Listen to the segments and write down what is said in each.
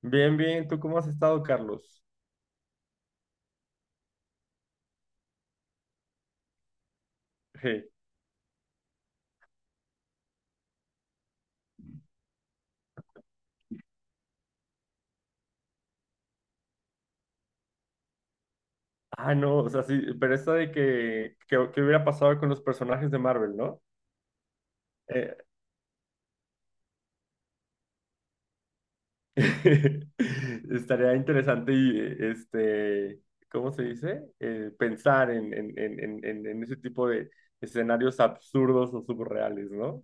Bien, bien, ¿tú cómo has estado, Carlos? Je. Ah, no, o sea, sí, pero esta de que hubiera pasado con los personajes de Marvel, ¿no? Eh, estaría interesante y, ¿cómo se dice? Pensar en ese tipo de escenarios absurdos o subreales, ¿no?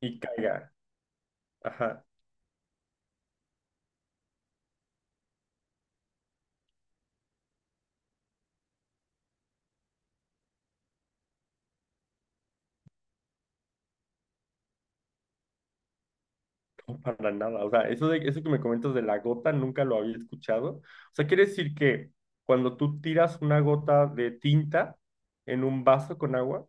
Y caiga. Ajá. No, para nada. O sea, eso que me comentas de la gota nunca lo había escuchado. O sea, quiere decir que cuando tú tiras una gota de tinta en un vaso con agua,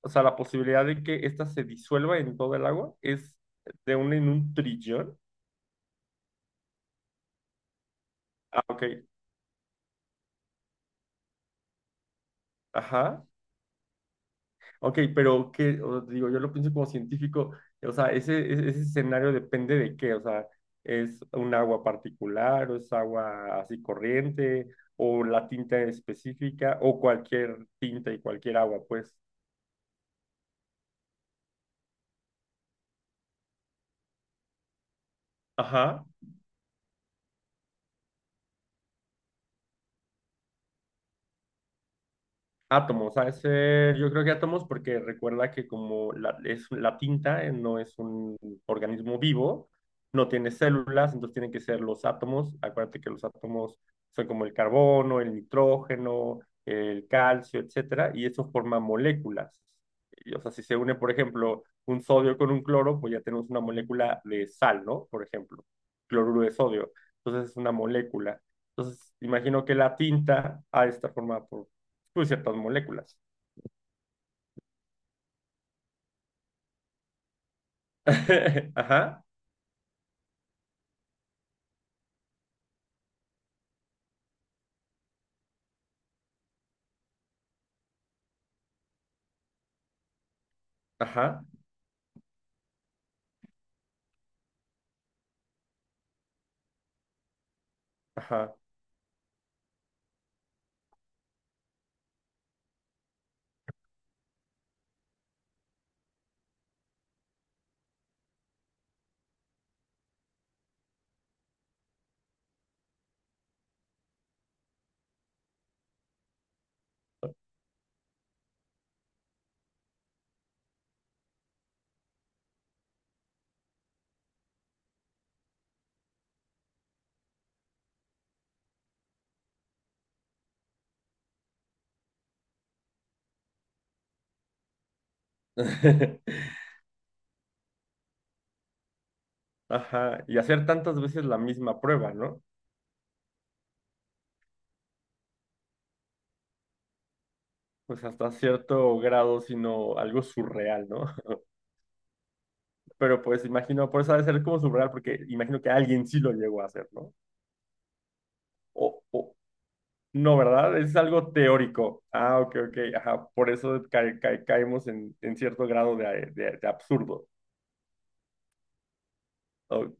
o sea, la posibilidad de que ésta se disuelva en todo el agua es de un en un trillón. Ah, ok. Ajá. Ok, pero que, digo, yo lo pienso como científico, o sea, ese escenario depende de qué, o sea, es un agua particular, o es agua así corriente, o la tinta específica, o cualquier tinta y cualquier agua, pues. Ajá. Átomos, ha de ser, yo creo que átomos, porque recuerda que la tinta no es un organismo vivo, no tiene células, entonces tienen que ser los átomos. Acuérdate que los átomos son como el carbono, el nitrógeno, el calcio, etcétera, y eso forma moléculas. Y, o sea, si se une, por ejemplo, un sodio con un cloro, pues ya tenemos una molécula de sal, ¿no? Por ejemplo, cloruro de sodio. Entonces es una molécula. Entonces, imagino que la tinta ha de estar formada por pues ciertas moléculas. Ajá, ajá, ajá. Ajá, y hacer tantas veces la misma prueba, ¿no? Pues hasta cierto grado, sino algo surreal, ¿no? Pero pues imagino, por eso ha de ser como surreal, porque imagino que alguien sí lo llegó a hacer, ¿no? O, o- no, ¿verdad? Es algo teórico. Ah, ok, ok, ajá. Por eso caemos en cierto grado de absurdo. Ok.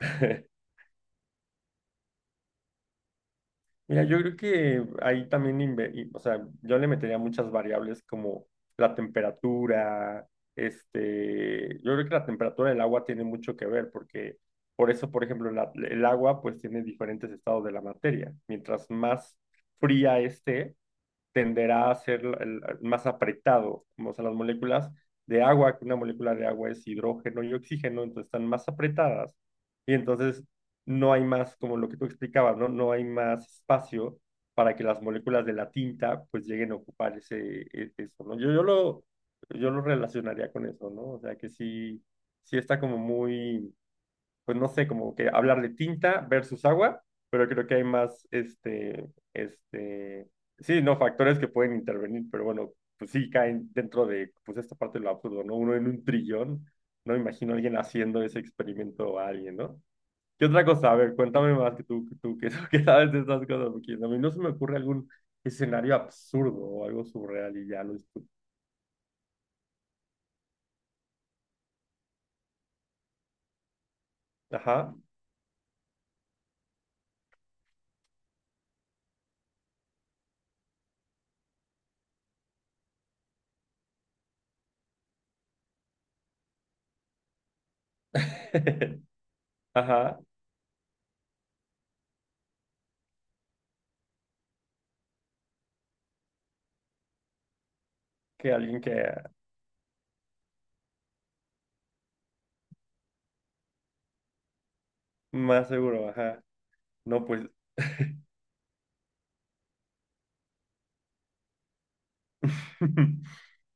Mira, yo creo que ahí también, o sea, yo le metería muchas variables como la temperatura, yo creo que la temperatura del agua tiene mucho que ver porque por eso, por ejemplo, el agua pues tiene diferentes estados de la materia. Mientras más fría esté, tenderá a ser el más apretado, como son las moléculas de agua, que una molécula de agua es hidrógeno y oxígeno, entonces están más apretadas y entonces no hay más, como lo que tú explicabas, ¿no? No hay más espacio para que las moléculas de la tinta pues lleguen a ocupar eso, ¿no? Yo lo relacionaría con eso, ¿no? O sea que sí, sí está como muy pues no sé, como que hablar de tinta versus agua, pero creo que hay más, este, sí, no, factores que pueden intervenir, pero bueno, pues sí caen dentro de, pues esta parte de lo absurdo, ¿no? Uno en un trillón, no me imagino a alguien haciendo ese experimento a alguien, ¿no? ¿Qué otra cosa? A ver, cuéntame más que sabes de estas cosas, porque a mí no se me ocurre algún escenario absurdo o algo surreal y ya lo discuto. Ajá. Ajá. Que alguien que más seguro, ajá. No, pues.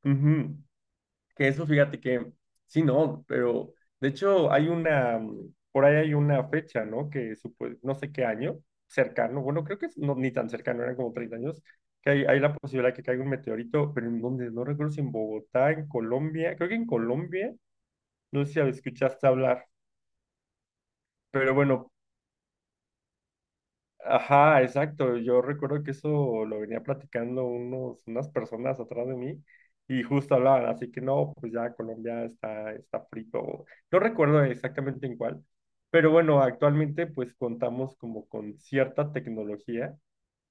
Ujú, que eso, fíjate que sí, no, pero de hecho por ahí hay una fecha, ¿no? Que no sé qué año, cercano, bueno, creo que no, ni tan cercano, eran como 30 años, que hay la posibilidad de que caiga un meteorito, pero en donde, no recuerdo si en Bogotá, en Colombia, creo que en Colombia, no sé si escuchaste hablar, pero bueno, ajá, exacto. Yo recuerdo que eso lo venía platicando unas personas atrás de mí y justo hablaban, así que no, pues ya Colombia está frito. No recuerdo exactamente en cuál, pero bueno, actualmente pues contamos como con cierta tecnología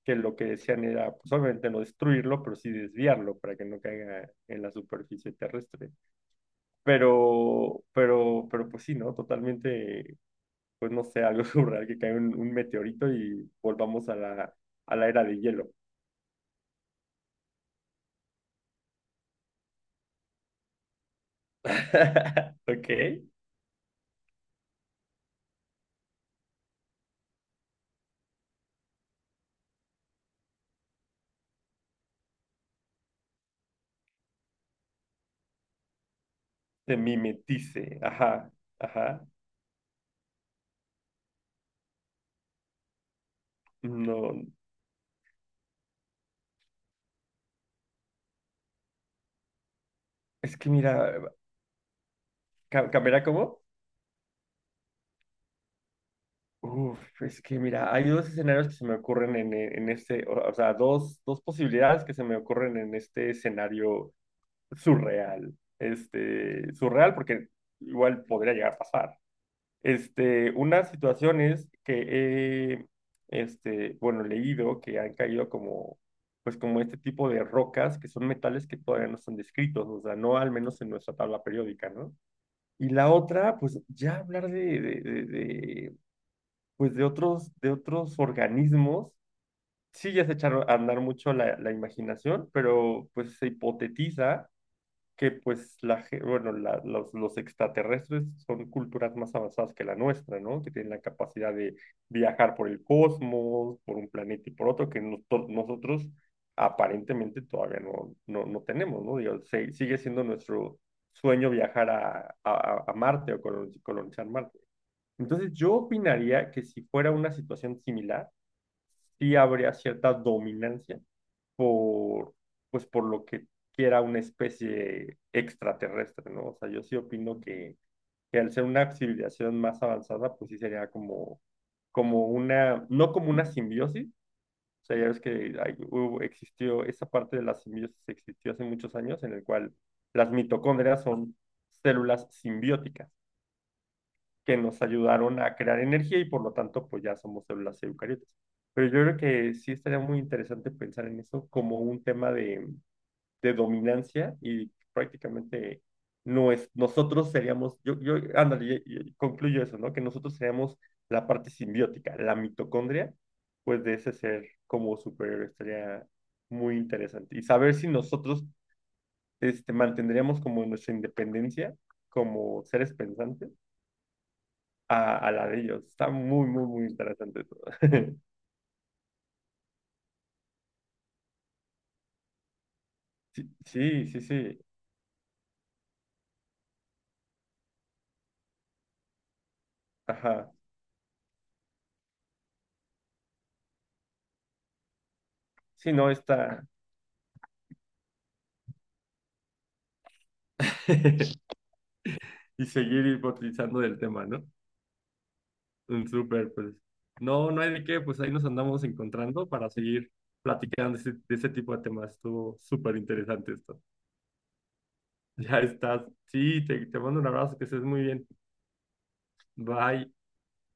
que lo que decían era, pues obviamente no destruirlo, pero sí desviarlo para que no caiga en la superficie terrestre. Pero pues sí, ¿no? Totalmente pues no sé, algo surreal, que caiga un meteorito y volvamos a la era de hielo. Ok, se mimetice, ajá, ajá. No, es que mira, ¿cambiará cómo? Uf, es que mira, hay dos escenarios que se me ocurren en este, o sea, dos posibilidades que se me ocurren en este escenario surreal. Surreal porque igual podría llegar a pasar. Unas situaciones que he leído que han caído como, pues como este tipo de rocas, que son metales que todavía no están descritos, o sea, no al menos en nuestra tabla periódica, ¿no? Y la otra, pues ya hablar de, pues de otros organismos, sí ya se echaron a andar mucho la imaginación, pero pues se hipotetiza que pues la, ge- bueno, la- los extraterrestres son culturas más avanzadas que la nuestra, ¿no? Que tienen la capacidad de viajar por el cosmos, por un planeta y por otro, que nosotros aparentemente todavía no tenemos, ¿no? Digo, sigue siendo nuestro sueño viajar a Marte o colonizar Marte. Entonces yo opinaría que si fuera una situación similar, sí habría cierta dominancia por, pues por lo que quiera una especie extraterrestre, ¿no? O sea, yo sí opino que al ser una civilización más avanzada, pues sí sería como una, no como una simbiosis, o sea, ya ves que existió, esa parte de la simbiosis existió hace muchos años, en el cual las mitocondrias son células simbióticas que nos ayudaron a crear energía y por lo tanto, pues ya somos células eucariotas. Pero yo creo que sí estaría muy interesante pensar en eso como un tema de dominancia y prácticamente no es, nosotros seríamos, yo, ándale, y concluyo eso, ¿no? Que nosotros seríamos la parte simbiótica, la mitocondria, pues de ese ser como superior estaría muy interesante. Y saber si nosotros mantendríamos como nuestra independencia como seres pensantes a la de ellos. Está muy, muy, muy interesante todo. Sí, sí, sí, sí. Ajá. Sí, no, está. Y seguir hipotetizando del tema, ¿no? Súper, pues. No, no hay de qué, pues ahí nos andamos encontrando para seguir platicando de ese tipo de temas. Estuvo súper interesante esto. Ya estás. Sí, te mando un abrazo, que estés muy bien. Bye.